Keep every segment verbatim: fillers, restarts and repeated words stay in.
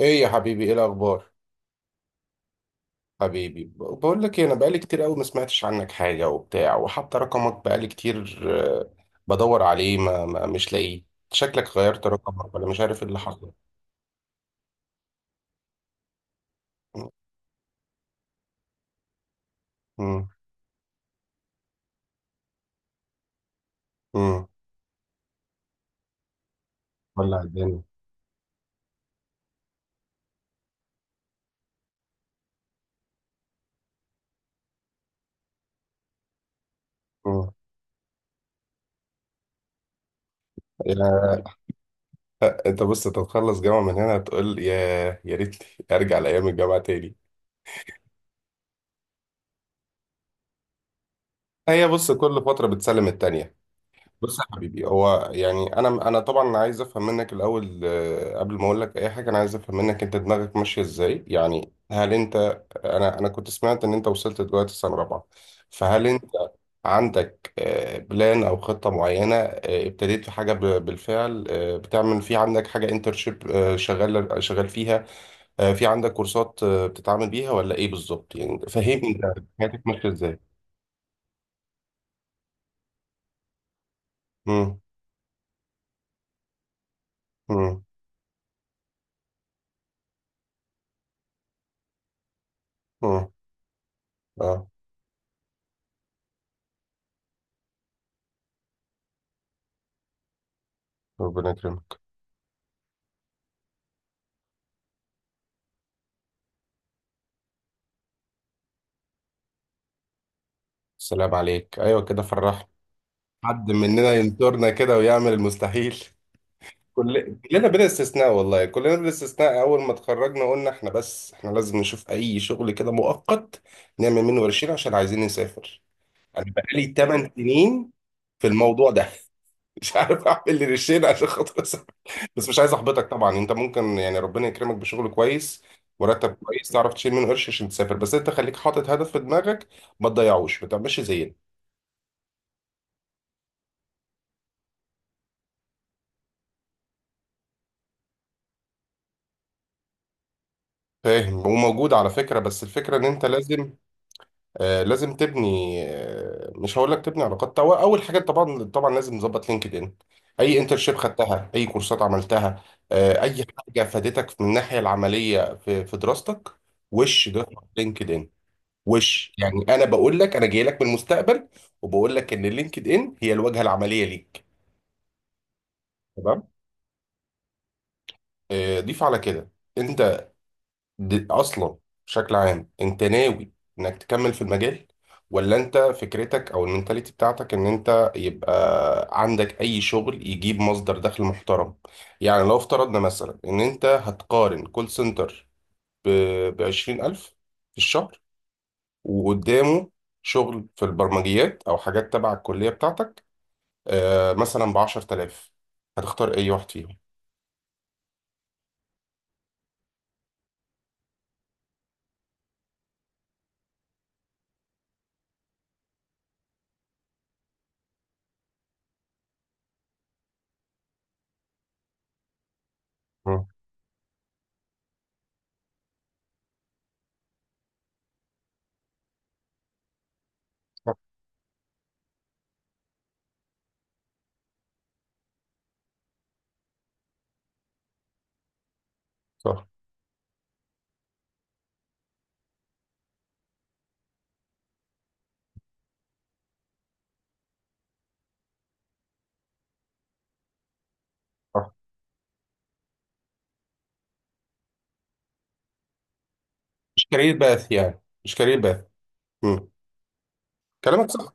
ايه يا حبيبي؟ ايه الاخبار؟ حبيبي، ب- بقول لك إيه، انا بقالي كتير قوي ما سمعتش عنك حاجه وبتاع، وحتى رقمك بقالي كتير. آه، بدور عليه، ما, ما مش لاقيه. شكلك غيرت رقمك ولا مش عارف ايه اللي حصل. امم. امم. ولا الدنيا. مم. يا- انت بص، تتخلص جامعه من هنا تقول يا يا ريت ارجع لايام الجامعه تاني. هي بص، كل فتره بتسلم التانيه. بص يا حبيبي، هو يعني انا انا طبعا عايز افهم منك الاول، آه، قبل ما اقول لك اي حاجه انا عايز افهم منك انت دماغك ماشيه ازاي. يعني هل انت... انا انا كنت سمعت ان انت وصلت دلوقتي سنه رابعه. فهل انت عندك آه، بلان او خطه معينه؟ آه، ابتديت في حاجه ب- بالفعل؟ آه، بتعمل، في عندك حاجه انترشيب شغال شغال فيها؟ آه، في عندك كورسات آه، بتتعامل بيها ولا ايه بالظبط؟ يعني فهمني انت حياتك ماشيه ازاي. امم. امم. امم. اه. ربنا يكرمك. السلام عليك، ايوه كده فرحنا. حد مننا ينطرنا كده ويعمل المستحيل. كل... كلنا بلا استثناء، والله كلنا بلا استثناء اول ما اتخرجنا قلنا احنا، بس احنا لازم نشوف اي شغل كده مؤقت نعمل منه ورشين عشان عايزين نسافر. انا بقالي 8 سنين في الموضوع ده مش عارف اعمل لي ريشين عشان خاطر اسافر. بس مش عايز احبطك طبعا، انت ممكن يعني ربنا يكرمك بشغل كويس، مرتب كويس تعرف تشيل منه قرش عشان تسافر. بس انت خليك حاطط هدف في دماغك. ما تضيعوش، ما تعملش زي... فاهم؟ وموجود على فكرة، بس الفكرة ان انت لازم... آه لازم تبني، آه مش هقول لك تبني علاقات، هو اول حاجة طبعا طبعا لازم نظبط لينكد ان. اي انترشيب خدتها، اي كورسات عملتها، آه اي حاجة فادتك من الناحية العملية في في دراستك. وش ده؟ لينكد ان. وش يعني؟ انا بقول لك، انا جاي لك من المستقبل، وبقول لك ان لينكد ان هي الواجهة العملية ليك. تمام. آه ضيف على كده. انت... دي اصلا، بشكل عام، انت ناوي انك تكمل في المجال، ولا انت فكرتك او المنتاليتي بتاعتك ان انت يبقى عندك اي شغل يجيب مصدر دخل محترم؟ يعني لو افترضنا مثلا ان انت هتقارن كول سنتر ب 20000 الف في الشهر، وقدامه شغل في البرمجيات او حاجات تبع الكلية بتاعتك، آه، مثلا ب عشر الاف، هتختار اي واحد فيهم؟ مم. صح صح صح. مش كارير باث، يعني مش كارير باث. مم. كلامك صح.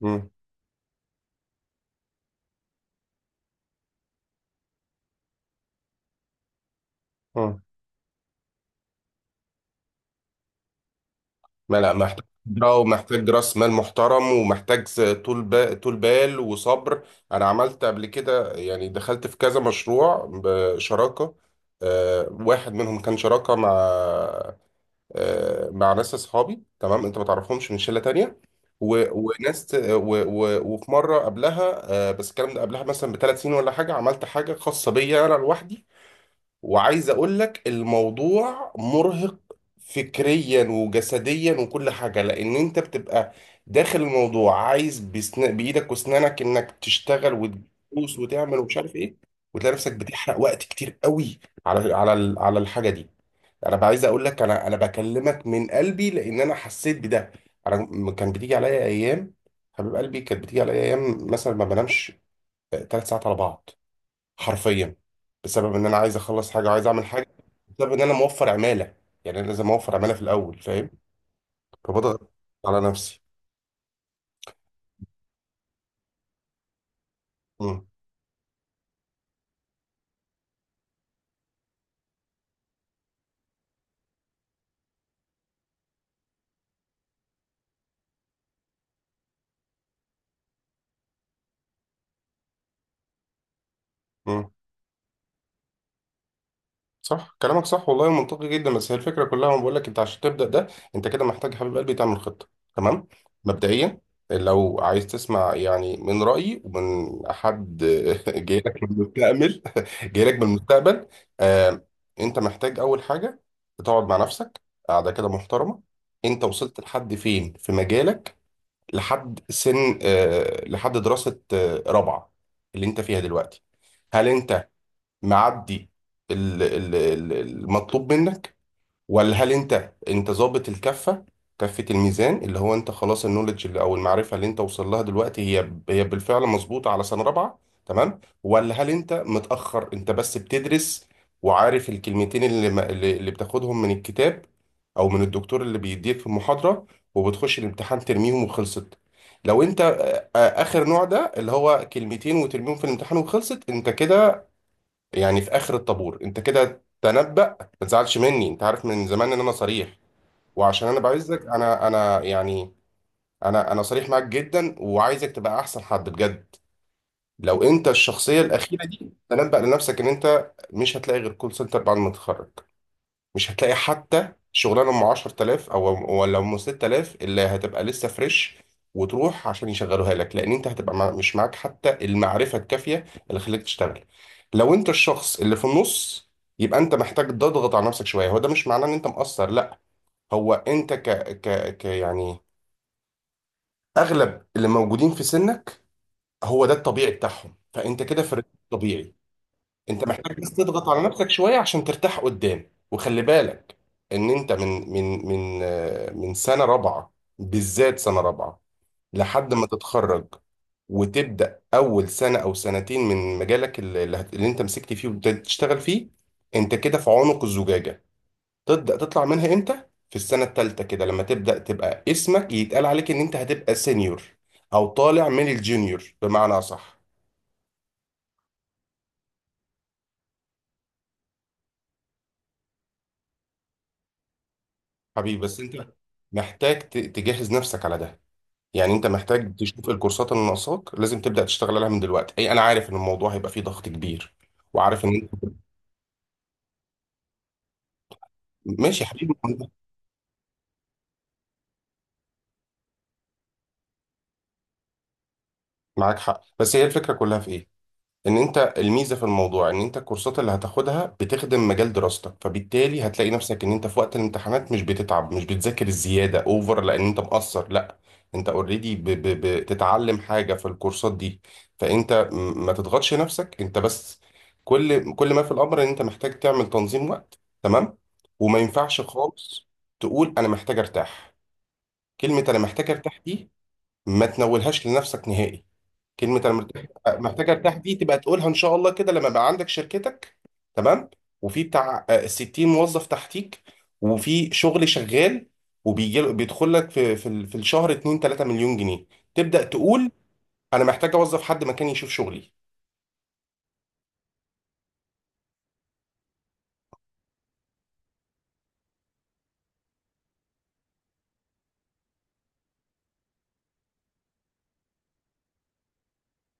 مم. مم. ما لا، محتاج خبرة، ومحتاج راس مال محترم، ومحتاج س- طول بال طول بال وصبر. انا عملت قبل كده، يعني دخلت في كذا مشروع بشراكة. آه، واحد منهم كان شراكة مع، آه، مع ناس اصحابي، تمام انت ما تعرفهمش، من شلة تانية. و- وناس ت- و- و- وفي مرة قبلها، آه، بس الكلام ده قبلها مثلا بثلاث سنين ولا حاجة، عملت حاجة خاصة بيا انا لوحدي. وعايز اقول لك الموضوع مرهق، فكريا وجسديا وكل حاجة، لان انت بتبقى داخل الموضوع عايز بسن... بايدك واسنانك انك تشتغل وتدوس وتعمل ومش عارف ايه. وتلاقي نفسك بتحرق وقت كتير قوي على على ال- على الحاجة دي. انا بقى عايز اقول لك، انا انا بكلمك من قلبي لان انا حسيت بده. انا م- كان بتيجي عليا ايام، حبيب قلبي، كانت بتيجي عليا ايام مثلا ما بنامش ثلاث ساعات على بعض، حرفيا، بسبب ان انا عايز اخلص حاجه وعايز اعمل حاجه. بسبب ان انا موفر عماله، يعني انا لازم اوفر عماله في الاول، فاهم؟ فبضغط على نفسي. مم. مم. صح، كلامك صح والله، منطقي جدا. بس هي الفكره كلها انا بقول لك، انت عشان تبدا ده، انت كده محتاج يا حبيب قلبي تعمل خطه. تمام، مبدئيا لو عايز تسمع يعني من رايي، ومن حد جاي لك من المستقبل، جاي لك من المستقبل. آه انت محتاج اول حاجه تقعد مع نفسك قاعده كده محترمه. انت وصلت لحد فين في مجالك؟ لحد سن، آه لحد دراسه، آه رابعه، اللي انت فيها دلوقتي. هل انت معدي ال- ال- ال- المطلوب منك، ولا هل انت انت ظابط الكفه، كفه الميزان، اللي هو انت خلاص النولج اللي، او المعرفه اللي انت وصل لها دلوقتي، هي ب- هي بالفعل مظبوطه على سنه رابعه؟ تمام. ولا هل انت متاخر، انت بس بتدرس وعارف الكلمتين اللي ما- اللي اللي بتاخدهم من الكتاب او من الدكتور اللي بيديك في المحاضره، وبتخش الامتحان ترميهم وخلصت؟ لو انت آه، آه، اخر نوع ده، اللي هو كلمتين وترميهم في الامتحان وخلصت، انت كده يعني في اخر الطابور. انت كده تنبأ. ما تزعلش مني، انت عارف من زمان ان انا صريح وعشان انا بعزك، انا انا يعني، انا انا صريح معاك جدا وعايزك تبقى احسن حد بجد. لو انت الشخصيه الاخيره دي، تنبأ لنفسك ان انت مش هتلاقي غير كول سنتر بعد ما تتخرج. مش هتلاقي حتى شغلانه ام عشر الاف، او ولا ام سته الاف، اللي هتبقى لسه فريش وتروح عشان يشغلوها لك، لان انت هتبقى مع- مش معاك حتى المعرفه الكافيه اللي خليك تشتغل. لو انت الشخص اللي في النص، يبقى انت محتاج تضغط على نفسك شويه. هو ده مش معناه ان انت مقصر، لا، هو انت ك ك ك يعني اغلب اللي موجودين في سنك هو ده الطبيعي بتاعهم، فانت كده في الريتم الطبيعي. انت محتاج بس تضغط على نفسك شويه عشان ترتاح قدام. وخلي بالك ان انت من من من آه، من سنه رابعه، بالذات سنه رابعه، لحد ما تتخرج وتبدا اول سنه او سنتين من مجالك اللي, اللي هت- اللي انت مسكت فيه وابتديت تشتغل فيه، انت كده في عنق الزجاجه. تبدا تطلع منها امتى؟ في السنه الثالثه كده، لما تبدا تبقى اسمك يتقال عليك ان انت هتبقى سينيور، او طالع من الجونيور بمعنى اصح. حبيبي، بس انت محتاج ت- تجهز نفسك على ده. يعني انت محتاج تشوف الكورسات اللي ناقصاك، لازم تبدا تشتغل عليها من دلوقتي. اي، انا عارف ان الموضوع هيبقى فيه ضغط كبير، وعارف ان انت... ماشي يا حبيبي. معاك حق، بس هي الفكره كلها في ايه، ان انت الميزه في الموضوع ان انت الكورسات اللي هتاخدها بتخدم مجال دراستك، فبالتالي هتلاقي نفسك ان انت في وقت الامتحانات مش بتتعب، مش بتذاكر الزياده اوفر لان انت مقصر، لا، انت اوريدي بتتعلم حاجه في الكورسات دي. فانت م- ما تضغطش نفسك. انت بس، كل كل ما في الامر ان انت محتاج تعمل تنظيم وقت، تمام؟ وما ينفعش خالص تقول انا محتاج ارتاح. كلمه انا محتاج ارتاح دي ما تنولهاش لنفسك نهائي. كلمة أنا مرتاح محتاج أرتاح دي، تبقى تقولها إن شاء الله كده لما يبقى عندك شركتك، تمام، وفي بتاع آه، ستين موظف تحتيك، وفي شغل شغال وبيجي بيدخل لك في في ال- في الشهر اتنين تلاته مليون جنيه، تبدأ تقول أنا محتاج أوظف حد مكاني يشوف شغلي.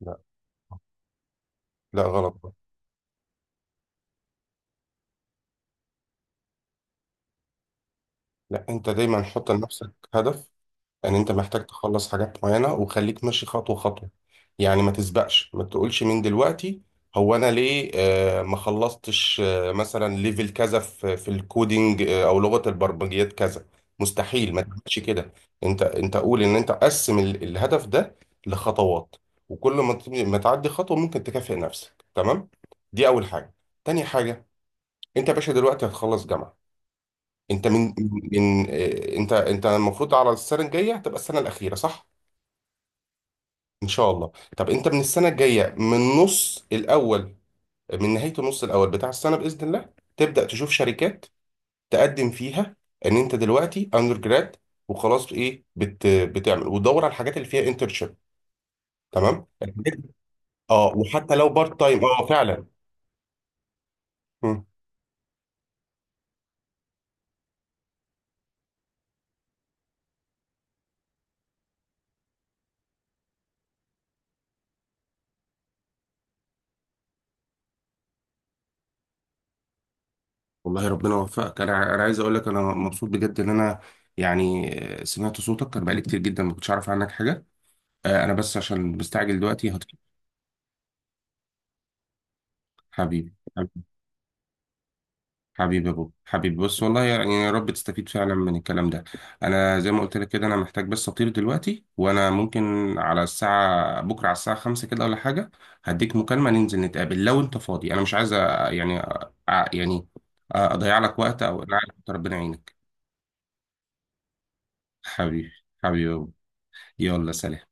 لا. لا، غلط. لا، أنت دايما حط لنفسك هدف. يعني انت محتاج تخلص حاجات معينة وخليك ماشي خطوة خطوة. يعني ما تسبقش، ما تقولش من دلوقتي هو انا ليه آه ما خلصتش آه مثلا ليفل كذا في في الكودينج، آه او لغة البرمجيات كذا. مستحيل ما تعملش كده. انت انت قول ان انت قسم ال- الهدف ده لخطوات، وكل ما ت- ما تعدي خطوة ممكن تكافئ نفسك. تمام، دي اول حاجة. تاني حاجة، انت يا باشا دلوقتي هتخلص جامعة. انت من من، آه، انت انت المفروض على السنه الجايه هتبقى السنه الاخيره، صح؟ ان شاء الله. طب انت من السنه الجايه، من النص الاول، من نهايه النص الاول بتاع السنه باذن الله، تبدا تشوف شركات تقدم فيها، ان انت دلوقتي اندر جراد وخلاص، ايه بت بتعمل، وتدور على الحاجات اللي فيها انترشيب. تمام الحاجات- اه، وحتى لو بارت تايم، اه، فعلا. مم. والله ربنا يوفقك. انا انا عايز اقول لك انا مبسوط بجد ان انا يعني سمعت صوتك، كان بقالي كتير جدا ما كنتش اعرف عنك حاجه. آه، انا بس عشان مستعجل دلوقتي هطلع. حبيبي، حبيبي يا بوب، حبيبي بص، والله يعني يا رب تستفيد فعلا من الكلام ده. انا زي ما قلت لك كده، انا محتاج بس اطير دلوقتي. وانا ممكن على الساعه بكره، على الساعه خمسة كده ولا حاجه، هديك مكالمه ننزل نتقابل لو انت فاضي. انا مش عايز أ- يعني أ- يعني اضيع لك وقت، او انا عارف إنت ربنا يعينك. حبيبي. حبيبي يا بوب. يلا، سلام.